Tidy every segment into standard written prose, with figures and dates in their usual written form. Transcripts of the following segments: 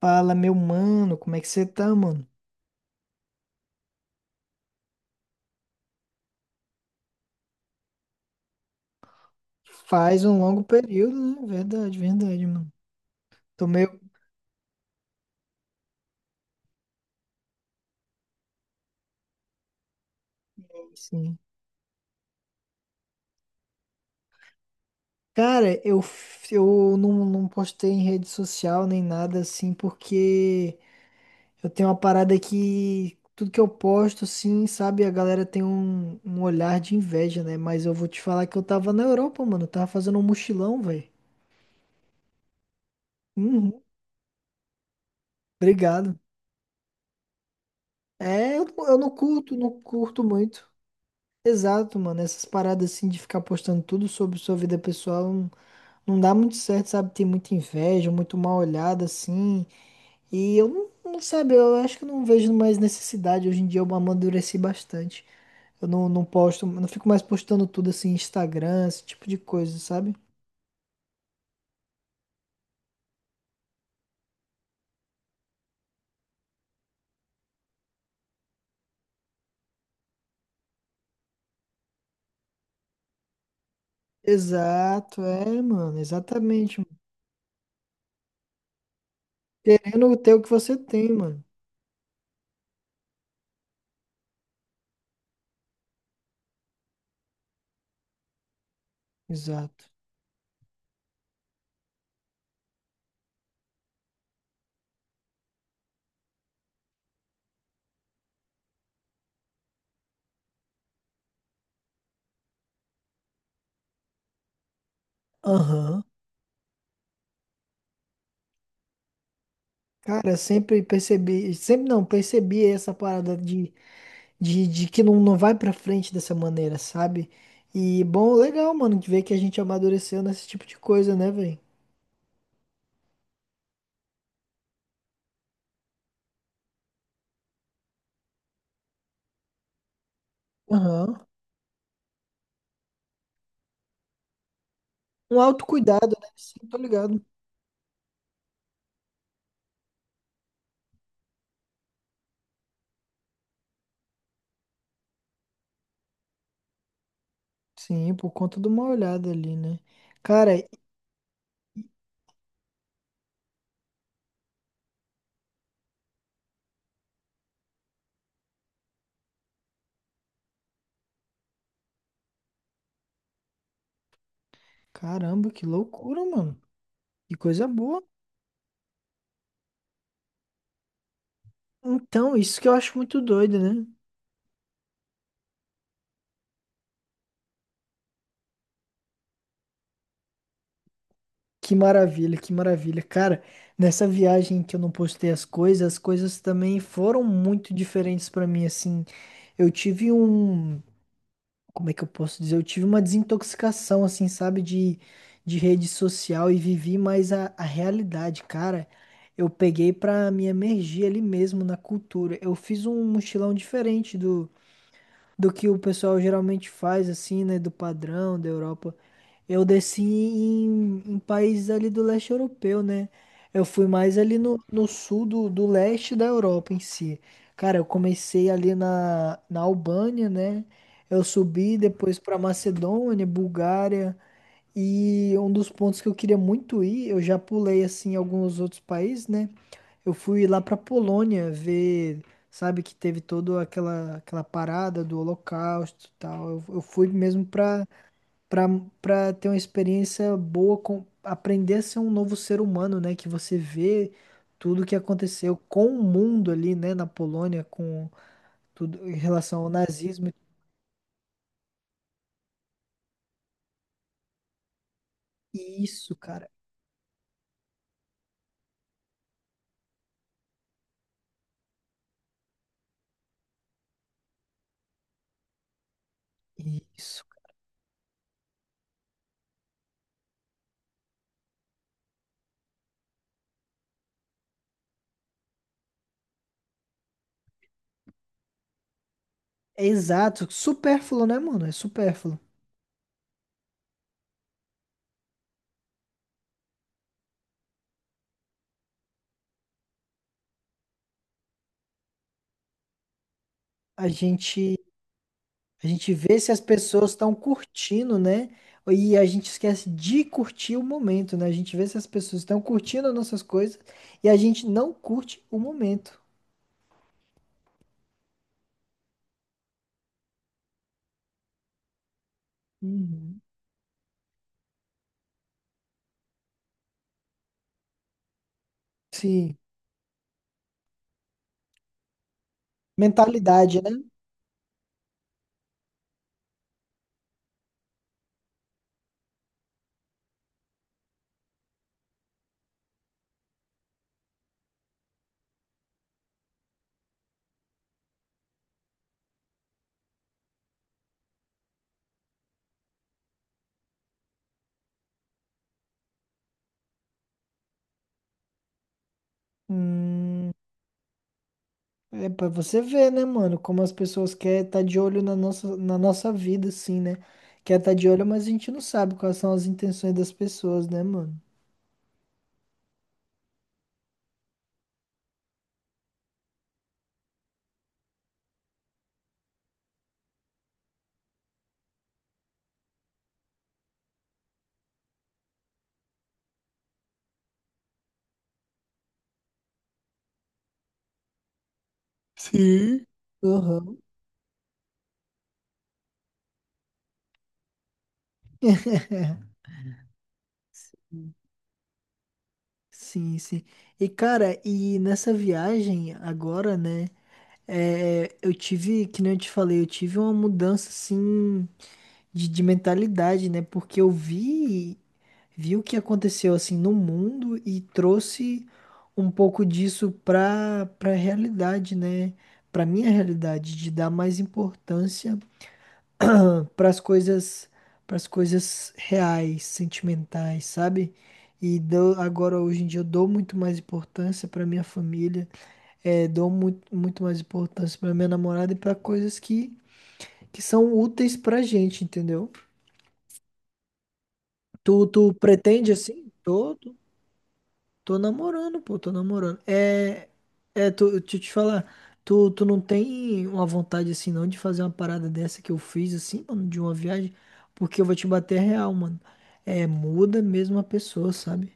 Fala, meu mano, como é que você tá, mano? Faz um longo período, né? Verdade, verdade, mano. Tô meio assim. Cara, eu não postei em rede social nem nada assim, porque eu tenho uma parada que tudo que eu posto, assim, sabe, a galera tem um olhar de inveja, né? Mas eu vou te falar que eu tava na Europa, mano. Eu tava fazendo um mochilão, velho. Uhum, obrigado. Eu não curto, não curto muito. Exato, mano. Essas paradas assim de ficar postando tudo sobre sua vida pessoal não dá muito certo, sabe? Tem muita inveja, muito mal olhada assim. E eu não, não sabe, eu acho que eu não vejo mais necessidade. Hoje em dia eu amadureci bastante. Eu não, não posto, não fico mais postando tudo assim, Instagram, esse tipo de coisa, sabe? Exato, é, mano. Exatamente. Mano. Querendo ter o que você tem, mano. Exato. Aham. Cara, sempre percebi, sempre não, percebi essa parada de de que não vai pra frente dessa maneira, sabe? E bom, legal, mano, de ver que a gente amadureceu nesse tipo de coisa, né, velho? Aham. Um autocuidado, né? Sim, tô ligado. Sim, por conta de uma olhada ali, né? Cara, caramba, que loucura, mano. Que coisa boa. Então, isso que eu acho muito doido, né? Que maravilha, que maravilha. Cara, nessa viagem que eu não postei as coisas também foram muito diferentes pra mim, assim. Eu tive um. Como é que eu posso dizer? Eu tive uma desintoxicação, assim, sabe, de rede social e vivi mais a realidade, cara. Eu peguei pra me emergir ali mesmo na cultura. Eu fiz um mochilão diferente do que o pessoal geralmente faz, assim, né? Do padrão da Europa. Eu desci em países ali do leste europeu, né? Eu fui mais ali no sul do leste da Europa em si. Cara, eu comecei ali na Albânia, né? Eu subi depois pra Macedônia, Bulgária. E um dos pontos que eu queria muito ir, eu já pulei assim em alguns outros países, né? Eu fui lá pra Polônia ver, sabe, que teve toda aquela, aquela parada do Holocausto e tal. Eu fui mesmo pra, pra ter uma experiência boa, com, aprender a ser um novo ser humano, né? Que você vê tudo que aconteceu com o mundo ali, né, na Polônia, com tudo em relação ao nazismo. Isso, cara, isso. É exato, supérfluo, né, mano? É supérfluo. A gente. A gente vê se as pessoas estão curtindo, né? E a gente esquece de curtir o momento, né? A gente vê se as pessoas estão curtindo as nossas coisas e a gente não curte o momento. Uhum. Sim. Mentalidade, né? Hum, é pra você ver, né, mano? Como as pessoas querem estar de olho na nossa vida, assim, né? Quer estar de olho, mas a gente não sabe quais são as intenções das pessoas, né, mano? Sim. Uhum. Sim, sim. E cara, e nessa viagem agora, né? É, eu tive, que nem eu te falei, eu tive uma mudança assim de mentalidade, né? Porque eu vi, vi o que aconteceu assim no mundo e trouxe um pouco disso pra para realidade, né? Pra minha realidade, de dar mais importância para as coisas, para as coisas reais, sentimentais, sabe? E dou, agora hoje em dia eu dou muito mais importância para minha família, eh, dou muito mais importância para minha namorada e para coisas que são úteis pra gente, entendeu? Tu pretende assim? Tô, tô. Tô namorando, pô, tô namorando. É, é, tô, deixa eu te falar, tu não tem uma vontade assim não de fazer uma parada dessa que eu fiz assim, mano, de uma viagem, porque eu vou te bater real, mano. É, muda mesmo a pessoa, sabe?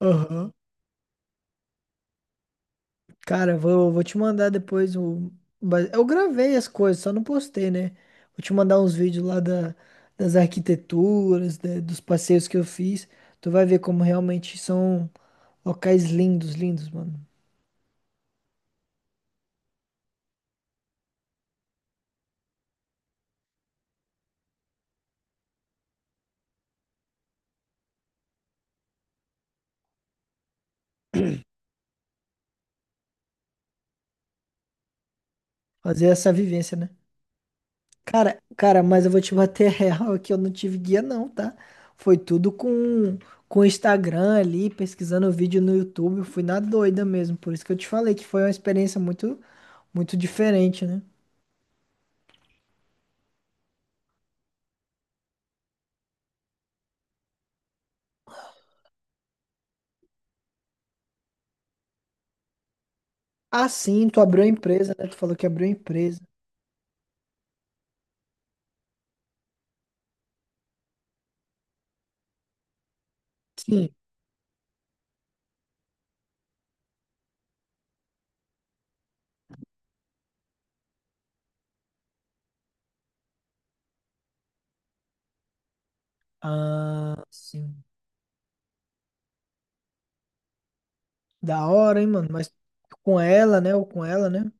Aham. Cara, vou te mandar depois o. Mas eu gravei as coisas, só não postei, né? Vou te mandar uns vídeos lá da, das arquiteturas, dos passeios que eu fiz. Tu vai ver como realmente são locais lindos, lindos, mano. Fazer essa vivência, né? Cara, cara, mas eu vou te bater real que eu não tive guia não, tá? Foi tudo com o Instagram ali, pesquisando vídeo no YouTube, eu fui na doida mesmo. Por isso que eu te falei que foi uma experiência muito muito diferente, né? Ah, sim, tu abriu a empresa, né? Tu falou que abriu a empresa. Sim. Ah, sim. Da hora, hein, mano? Mas com ela, né? Ou com ela, né?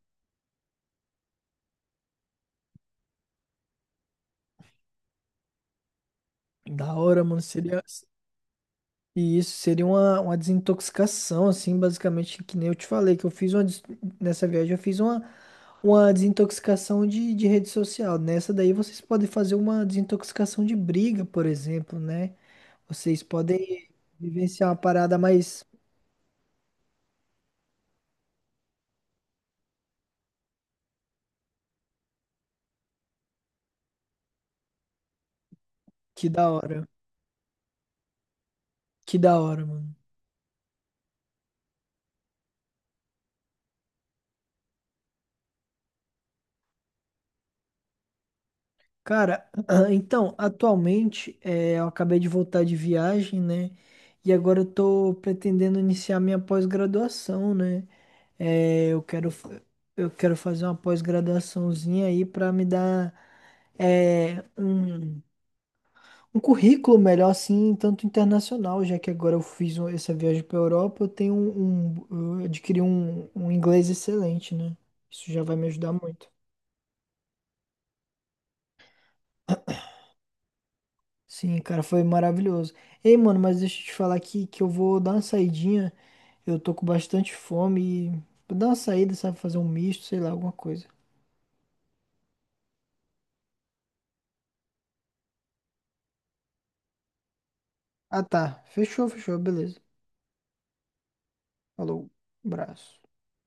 Da hora, mano. Seria. E isso seria uma desintoxicação, assim, basicamente, que nem eu te falei, que eu fiz uma, nessa viagem eu fiz uma desintoxicação de rede social. Nessa daí vocês podem fazer uma desintoxicação de briga, por exemplo, né? Vocês podem vivenciar uma parada mais que da hora. Que da hora, mano. Cara, então, atualmente, é, eu acabei de voltar de viagem, né? E agora eu tô pretendendo iniciar minha pós-graduação, né? É, eu quero, eu quero fazer uma pós-graduaçãozinha aí para me dar é, um currículo melhor, assim, tanto internacional, já que agora eu fiz essa viagem para Europa, eu tenho eu adquiri um inglês excelente, né? Isso já vai me ajudar muito. Sim, cara, foi maravilhoso. Ei, mano, mas deixa eu te falar aqui que eu vou dar uma saidinha. Eu tô com bastante fome e vou dar uma saída, sabe? Fazer um misto, sei lá, alguma coisa. Ah, tá. Fechou, fechou, beleza. Falou, abraço.